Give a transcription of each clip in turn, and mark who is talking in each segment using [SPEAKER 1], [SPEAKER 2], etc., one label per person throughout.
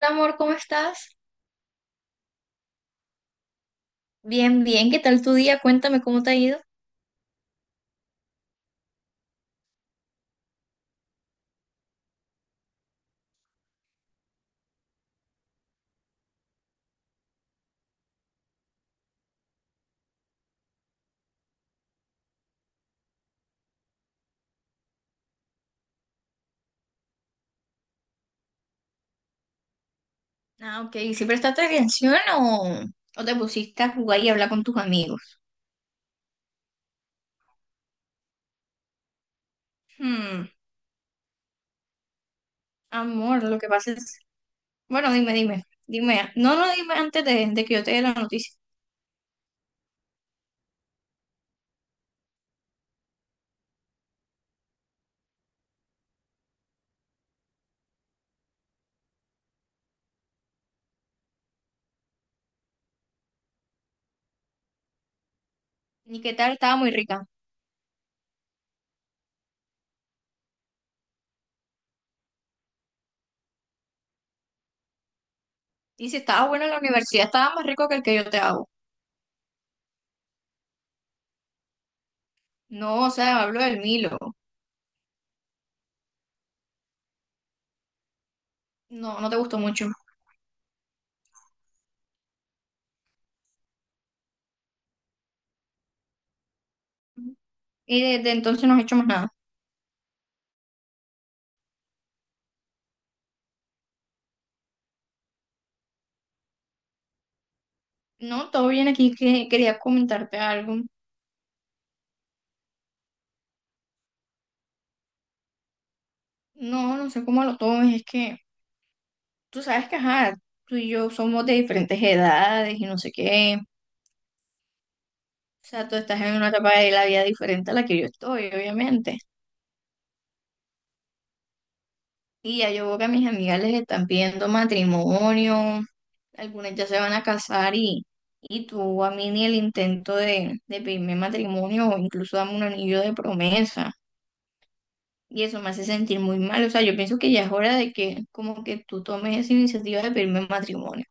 [SPEAKER 1] Amor, ¿cómo estás? Bien, bien, ¿qué tal tu día? Cuéntame cómo te ha ido. Ah, ok, ¿sí prestaste atención o te pusiste a jugar y hablar con tus amigos? Hmm. Amor, lo que pasa es. Bueno, dime, dime, dime. No, no, dime antes de que yo te dé la noticia. Ni qué tal, estaba muy rica. Y si estaba bueno en la universidad, estaba más rico que el que yo te hago. No, o sea, hablo del Milo. No, no te gustó mucho. Y desde entonces no has hecho más nada. No, todo bien aquí, que quería comentarte algo. No, no sé cómo lo tomes, es que. Tú sabes que, ajá, tú y yo somos de diferentes edades y no sé qué. O sea, tú estás en una etapa de la vida diferente a la que yo estoy, obviamente. Y ya yo veo que a mis amigas les están pidiendo matrimonio, algunas ya se van a casar y tú a mí ni el intento de pedirme matrimonio o incluso dame un anillo de promesa. Y eso me hace sentir muy mal. O sea, yo pienso que ya es hora de que como que tú tomes esa iniciativa de pedirme matrimonio.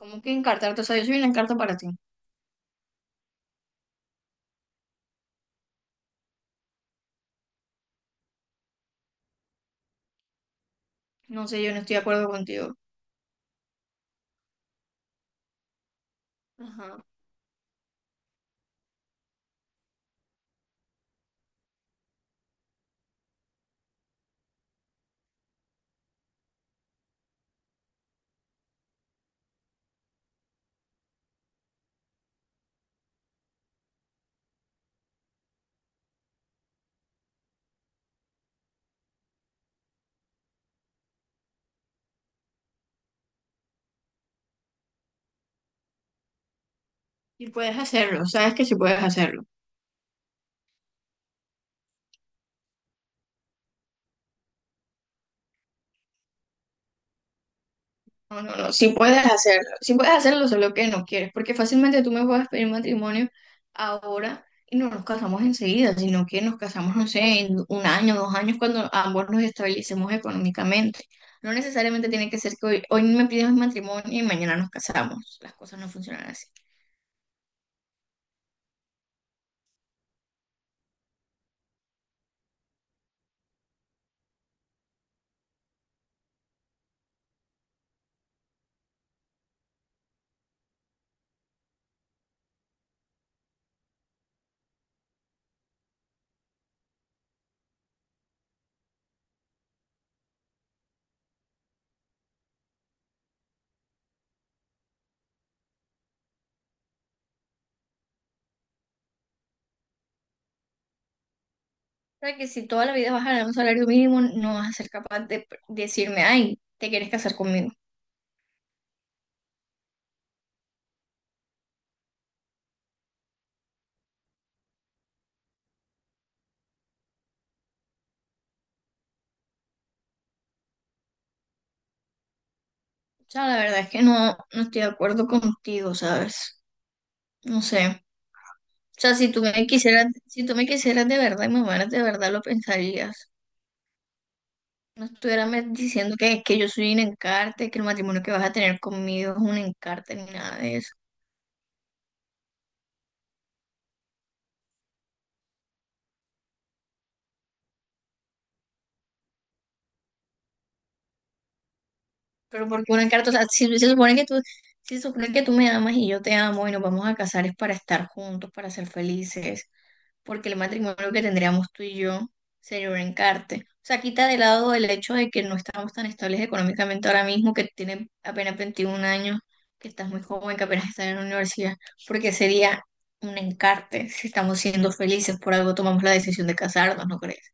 [SPEAKER 1] Como que encartarte, o sea, yo soy una encarta para ti. No sé, yo no estoy de acuerdo contigo. Ajá. Y puedes hacerlo, sabes que sí puedes hacerlo. No, no, no, sí puedes hacerlo. Sí puedes hacerlo, solo que no quieres, porque fácilmente tú me puedes pedir matrimonio ahora y no nos casamos enseguida, sino que nos casamos, no sé, en un año, dos años, cuando ambos nos estabilicemos económicamente. No necesariamente tiene que ser que hoy me pidas matrimonio y mañana nos casamos. Las cosas no funcionan así. O sea, que si toda la vida vas a ganar un salario mínimo, no vas a ser capaz de decirme, ay, ¿te quieres casar conmigo? Sea, la verdad es que no, no estoy de acuerdo contigo, ¿sabes? No sé. O sea, si tú me quisieras de verdad y me amaras de verdad, lo pensarías. No estuvieras diciendo que yo soy un encarte, que el matrimonio que vas a tener conmigo es un encarte ni nada de eso. Pero porque una carta, o sea, si si se supone que tú, si se supone que tú me amas y yo te amo y nos vamos a casar es para estar juntos, para ser felices, porque el matrimonio que tendríamos tú y yo sería un encarte. O sea, quita de lado el hecho de que no estamos tan estables económicamente ahora mismo, que tienes apenas 21 años, que estás muy joven, que apenas estás en la universidad, porque sería un encarte si estamos siendo felices, por algo tomamos la decisión de casarnos, ¿no crees?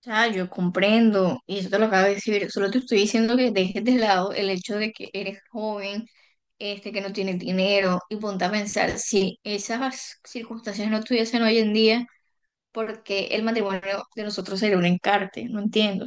[SPEAKER 1] Sea, yo comprendo, y eso te lo acabo de decir, solo te estoy diciendo que dejes de lado el hecho de que eres joven, este, que no tienes dinero, y ponte a pensar, si esas circunstancias no estuviesen hoy en día, ¿porque el matrimonio de nosotros sería un encarte? No entiendo.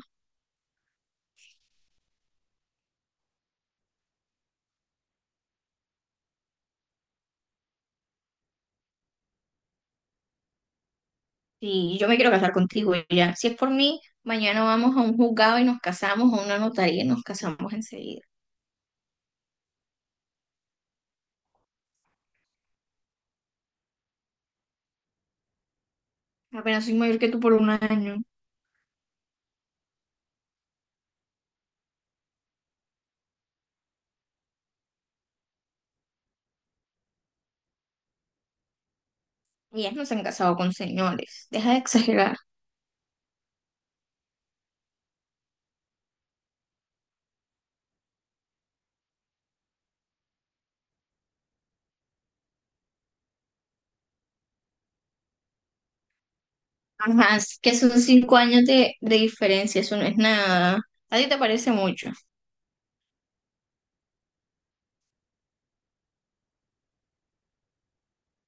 [SPEAKER 1] Si yo me quiero casar contigo y ya, si es por mí, mañana vamos a un juzgado y nos casamos, a una notaría y nos casamos enseguida. Apenas soy mayor que tú por un año, y ellas no se han casado con señores, deja de exagerar. Ajá, es que son 5 años de diferencia, eso no es nada. ¿A ti te parece mucho?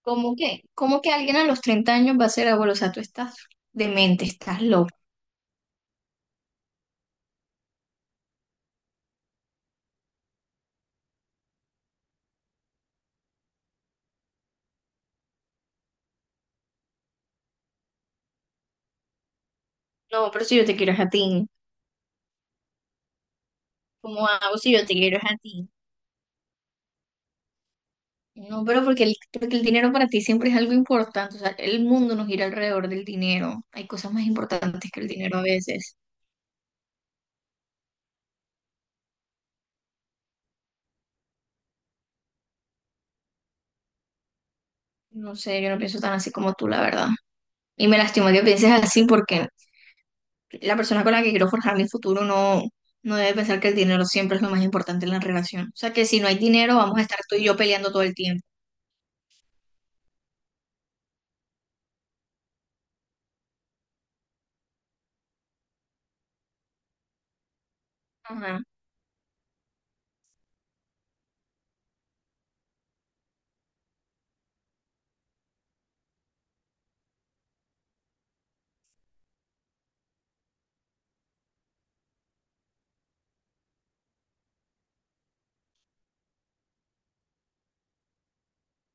[SPEAKER 1] ¿Cómo que alguien a los 30 años va a ser abuelo? O sea, tú estás demente, estás loco. No, pero si yo te quiero es a ti. ¿Cómo hago si yo te quiero es a ti? No, pero porque el dinero para ti siempre es algo importante. O sea, el mundo nos gira alrededor del dinero. Hay cosas más importantes que el dinero a veces. No sé, yo no pienso tan así como tú, la verdad. Y me lastima que pienses así porque la persona con la que quiero forjar mi futuro no, no debe pensar que el dinero siempre es lo más importante en la relación. O sea, que si no hay dinero, vamos a estar tú y yo peleando todo el tiempo. Ajá.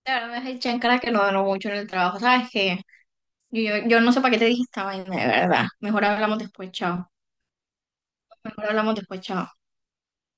[SPEAKER 1] Claro, me dejé echar en cara que no ganó mucho en el trabajo. ¿Sabes que? Yo no sé para qué te dije esta vaina, de verdad. Mejor hablamos después, chao. Mejor hablamos después, chao.